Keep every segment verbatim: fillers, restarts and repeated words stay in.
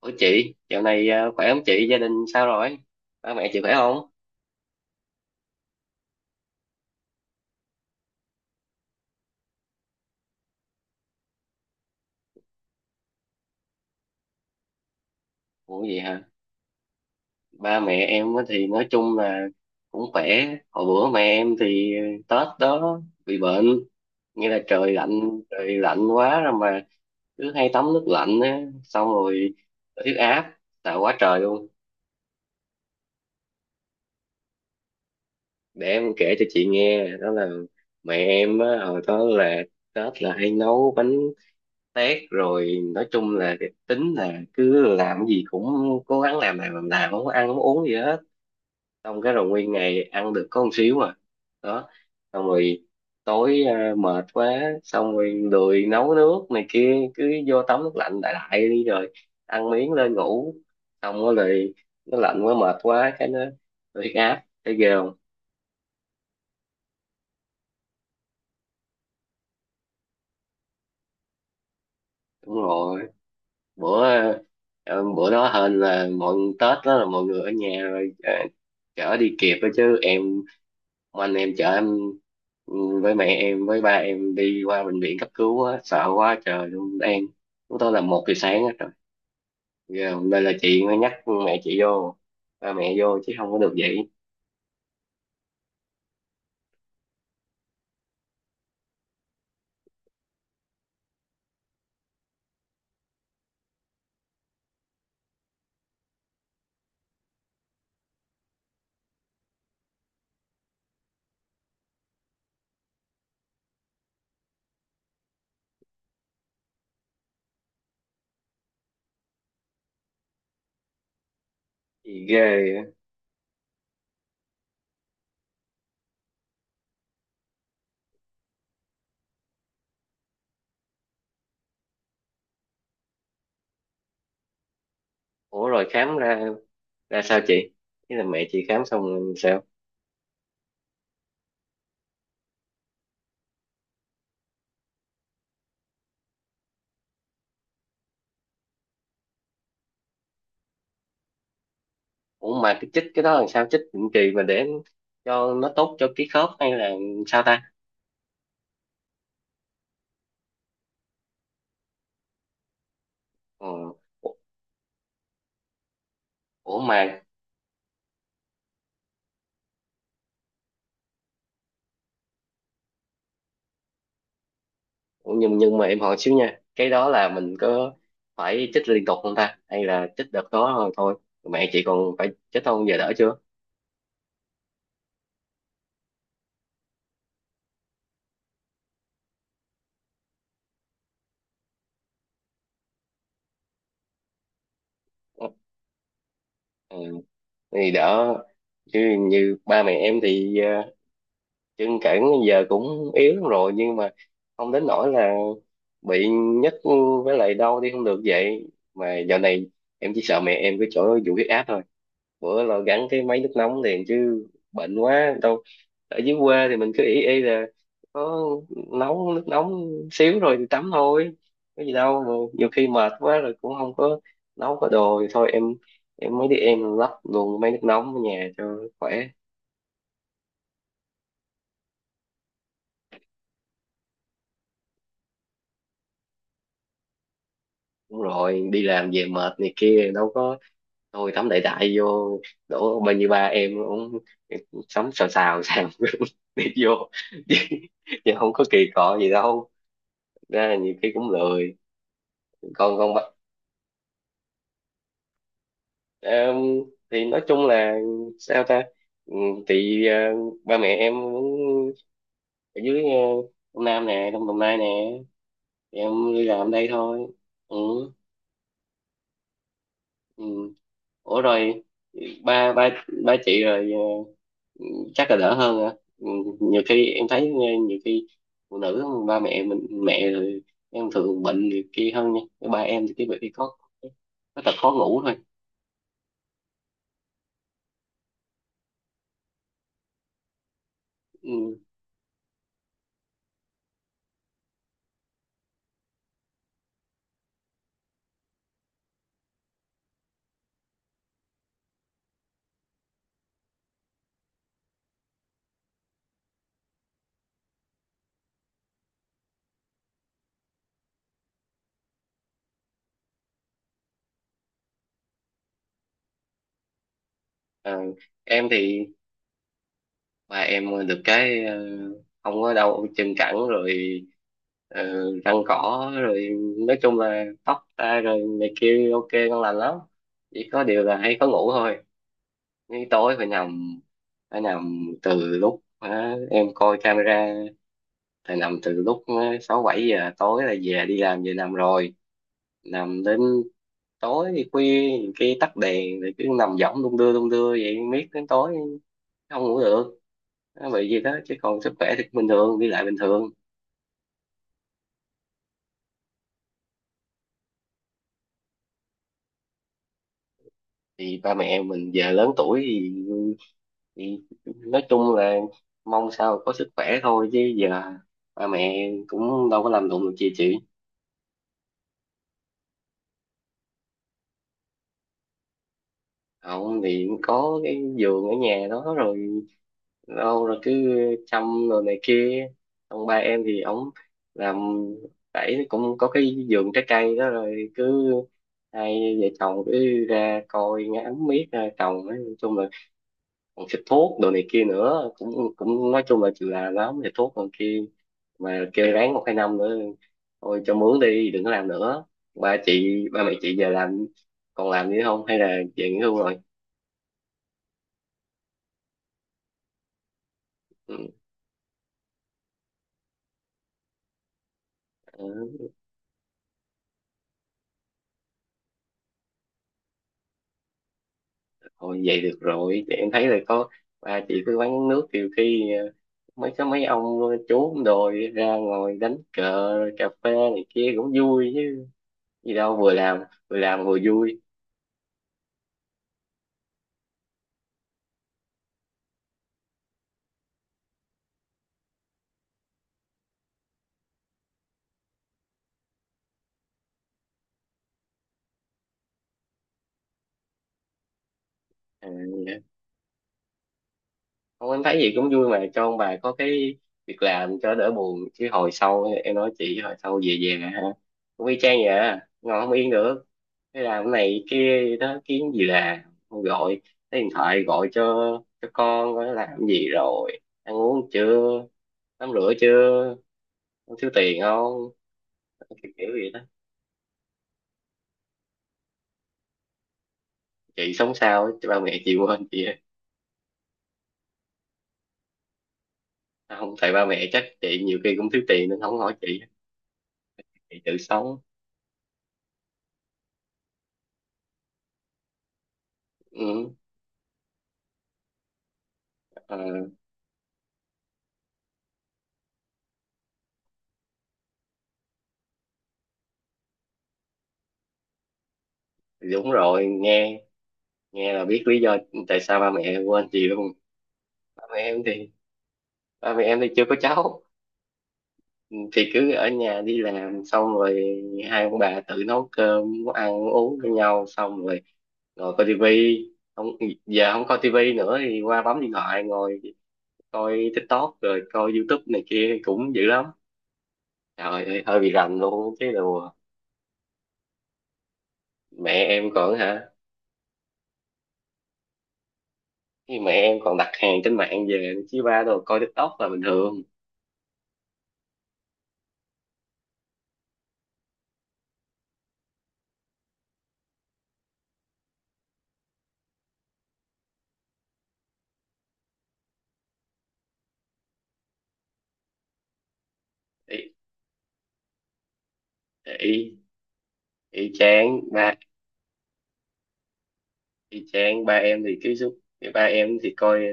Ủa chị, dạo này à, khỏe không chị? Gia đình sao rồi? Ba mẹ chị khỏe không? Ủa vậy hả? Ba mẹ em á thì nói chung là cũng khỏe. Hồi bữa mẹ em thì ờ, Tết đó bị bệnh. Nghĩa là trời lạnh, trời lạnh quá rồi mà cứ hay tắm nước lạnh á. Xong rồi huyết áp, tạo quá trời luôn. Để em kể cho chị nghe, đó là mẹ em á, hồi đó là Tết là hay nấu bánh tét rồi nói chung là cái tính là cứ làm cái gì cũng cố gắng làm làm làm làm không có ăn không có uống gì hết, xong cái rồi nguyên ngày ăn được có một xíu mà đó. Xong rồi tối à, mệt quá, xong rồi lười nấu nước này kia, cứ vô tắm nước lạnh đại đại đi rồi ăn miếng lên ngủ. Xong rồi lại- nó lạnh quá mệt quá cái nó nó huyết áp, thấy ghê không. Đúng rồi, bữa ờ, bữa đó hên là mọi Tết đó là mọi người ở nhà rồi, ờ, chở đi kịp đó chứ em, ông anh em chở em, ừ, với mẹ em với ba em đi qua bệnh viện cấp cứu á, sợ quá trời luôn em. Chúng tôi là một giờ sáng á trời. Ghê, hôm nay là chị mới nhắc mẹ chị vô, ba mẹ vô chứ không có được vậy. Thì ghê á. Ủa rồi khám ra ra sao chị, thế là mẹ chị khám xong rồi sao? Ủa mà cái chích cái đó làm sao, chích định kỳ mà để cho nó tốt cho cái khớp hay là sao ta? Ừ. Ủa mà nhưng nhưng mà em hỏi xíu nha, cái đó là mình có phải chích liên tục không ta hay là chích đợt đó rồi thôi? Mẹ chị còn phải chích không, giờ đỡ chưa? Ừ, thì đỡ. Chứ như ba mẹ em thì ờ, chân cẳng giờ cũng yếu lắm rồi, nhưng mà không đến nỗi là bị nhức với lại đau đi không được vậy. Mà dạo này em chỉ sợ mẹ em cái chỗ vụ huyết áp thôi. Bữa là gắn cái máy nước nóng liền chứ bệnh quá đâu. Ở dưới quê thì mình cứ ỷ y là có nấu nước nóng xíu rồi thì tắm thôi, có gì đâu, mà nhiều khi mệt quá rồi cũng không có nấu có đồ thì thôi em. Em mới đi em lắp luôn máy nước nóng ở nhà cho khỏe. Đúng rồi, đi làm về mệt này kia đâu có. Thôi tắm đại đại vô, đổ bao nhiêu ba em cũng sống, xào xào xào đi vô chứ chứ không có kỳ cọ gì đâu. Ra là nhiều khi cũng lười. Còn còn ba- em thì nói chung là sao ta? Ừ, thì ờ, ba mẹ em cũng ở dưới, ờ, Đông Nam nè, Đông Đồng Nai nè. Thì em đi làm đây thôi. Ừ, ừ. Ủa rồi ba ba ba chị rồi ờ, chắc là đỡ hơn hả? Ừ, nhiều khi em thấy nghe, nhiều khi phụ nữ ba mẹ mình mẹ rồi em thường bệnh nhiều khi hơn nha. Ba em thì cái bị có có tật khó ngủ thôi. Ừ. Ờ, em thì ba em được cái ờ, không có đau chân cẳng rồi, ờ, răng cỏ rồi, nói chung là tóc ta rồi này kia ok ngon lành lắm. Chỉ có điều là hay có ngủ thôi, nhưng tối phải nằm, phải nằm từ lúc ờ, em coi camera thì nằm từ lúc ờ, sáu bảy giờ tối là về đi làm về nằm rồi. Nằm đến tối khuya, nhiều khi tắt đèn rồi cứ nằm võng đung đưa đung đưa vậy miết đến tối không ngủ được. Nó bị gì đó chứ còn sức khỏe thì bình thường, đi lại bình thường. Thì ba mẹ mình giờ lớn tuổi thì, thì, nói chung là mong sao có sức khỏe thôi chứ giờ ba mẹ cũng đâu có làm đụng được gì chị. Không thì có cái giường ở nhà đó rồi đâu rồi cứ chăm rồi này kia. Ông ba em thì ổng làm đẩy cũng có cái vườn trái cây đó, rồi cứ hai vợ chồng cứ ra coi ngắm miết ra trồng, nói chung là còn xịt thuốc đồ này kia nữa, cũng cũng nói chung là chịu làm lắm, xịt thuốc còn kia. Mà kêu ráng một hai năm nữa thôi cho mướn đi, đừng có làm nữa. Ba chị, ba mẹ chị giờ làm còn làm nữa không hay là về nghỉ hưu rồi? Ừ. Ừ, thôi vậy được rồi. Thì em thấy là có ba chị cứ quán nước, nhiều khi ờ, mấy cái mấy ông chú đồi ra ngồi đánh cờ cà phê này kia cũng vui chứ gì đâu, vừa làm vừa làm vừa vui. Ừ, không em thấy gì cũng vui mà, cho ông bà có cái việc làm cho đỡ buồn, chứ hồi sau em nói chị, hồi sau về về hả cũng y chang vậy à. Ngồi không yên được, thế làm cái này kia đó kiếm gì làm. Không gọi, lấy điện thoại gọi cho cho con coi nó làm gì rồi, ăn uống chưa, tắm rửa chưa, không thiếu tiền không, kiểu kiểu vậy đó. Chị sống sao á, chứ ba mẹ chị quên chị á. À, không tại ba mẹ chắc chị nhiều khi cũng thiếu tiền nên không hỏi chị chị tự sống. Ừ. ờ, Đúng rồi nghe, nghe là biết lý do tại sao ba mẹ em quên chị luôn. Ba mẹ em thì, ba mẹ em thì chưa có cháu, thì cứ ở nhà đi làm xong rồi hai ông bà tự nấu cơm nấu ăn nấu uống với nhau, xong rồi ngồi coi tivi. Không, giờ không coi tivi nữa thì qua bấm điện thoại ngồi coi TikTok rồi coi YouTube này kia cũng dữ lắm. Trời ơi hơi bị rành luôn chứ đồ. Mẹ em còn hả, khi mẹ em còn đặt hàng trên mạng về chứ, ba đồ coi TikTok là bình thường. Ý, ý, ý chán ba. Y chang ba em thì cái suốt, cái ba em thì coi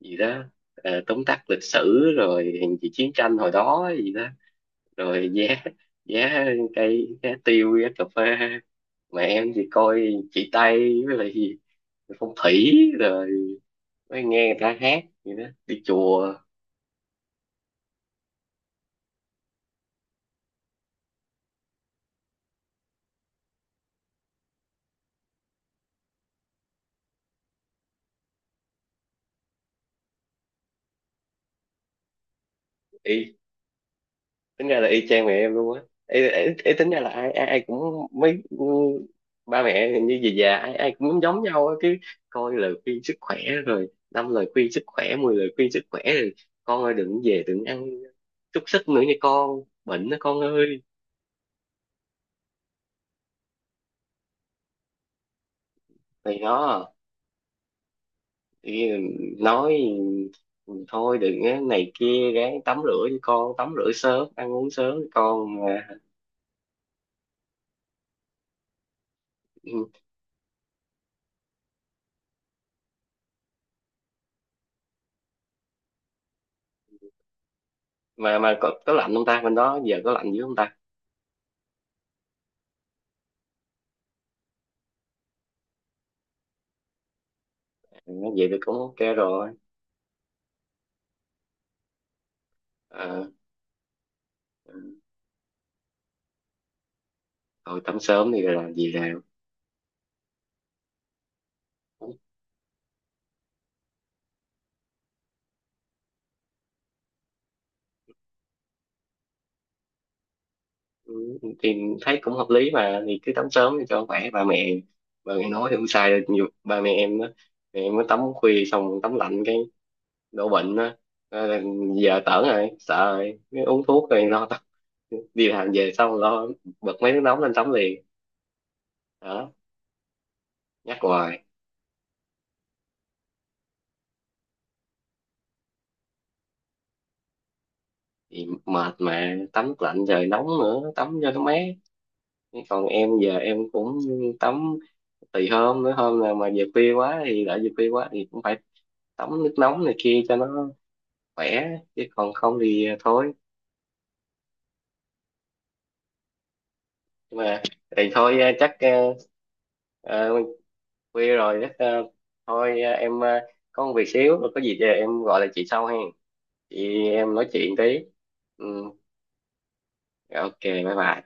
gì đó, ờ, tóm tắt lịch sử rồi gì chiến tranh hồi đó gì đó, rồi giá giá cây, giá tiêu, giá cà phê. Mà em thì coi chị Tây với lại gì phong thủy, rồi mới nghe người ta hát gì đó đi chùa. Y tính ra là y chang mẹ em luôn á. Ấy, ấy, ấy, tính ra là ai ai, ai cũng mấy, ừ, ba mẹ như gì già ai ai cũng giống nhau á, cứ coi lời khuyên sức khỏe rồi năm lời khuyên sức khỏe, mười lời khuyên sức khỏe, rồi con ơi đừng về đừng ăn xúc xích nữa nha con bệnh đó con ơi. Này đó thì nói "Ừ, thôi đừng á, này kia ráng tắm rửa cho con tắm rửa sớm ăn uống sớm cho con mà." ừ, mà mà có, có lạnh không ta, bên đó giờ có lạnh dữ không ta? Ừ, vậy thì cũng ok rồi. Ờ, Thôi tắm sớm thì làm gì làm. Ừ, thì thấy cũng hợp lý mà, thì cứ tắm sớm thì cho khỏe ba mẹ. Ba mẹ nói thì không sai đâu, nhiều ba mẹ em đó, mẹ em mới tắm khuya xong tắm lạnh cái đổ bệnh đó. Ờ, là giờ tởn rồi sợ rồi mới uống thuốc rồi lo tắm, đi làm về xong lo bật mấy nước nóng lên tắm liền đó, nhắc hoài. Thì mệt mà tắm lạnh rồi nóng nữa tắm cho nó mát. Còn em giờ em cũng tắm tùy hôm nữa, hôm nào mà về khuya quá thì đã về khuya quá thì cũng phải tắm nước nóng này kia cho nó khỏe. Chứ còn không thì à, thôi. Nhưng mà thì thôi, à, chắc à, à, khuya rồi, chắc à, thôi à, em à, có một việc xíu rồi, có gì thì em gọi lại chị sau hen chị. Em nói chuyện tí. Ừ, ok bye bye.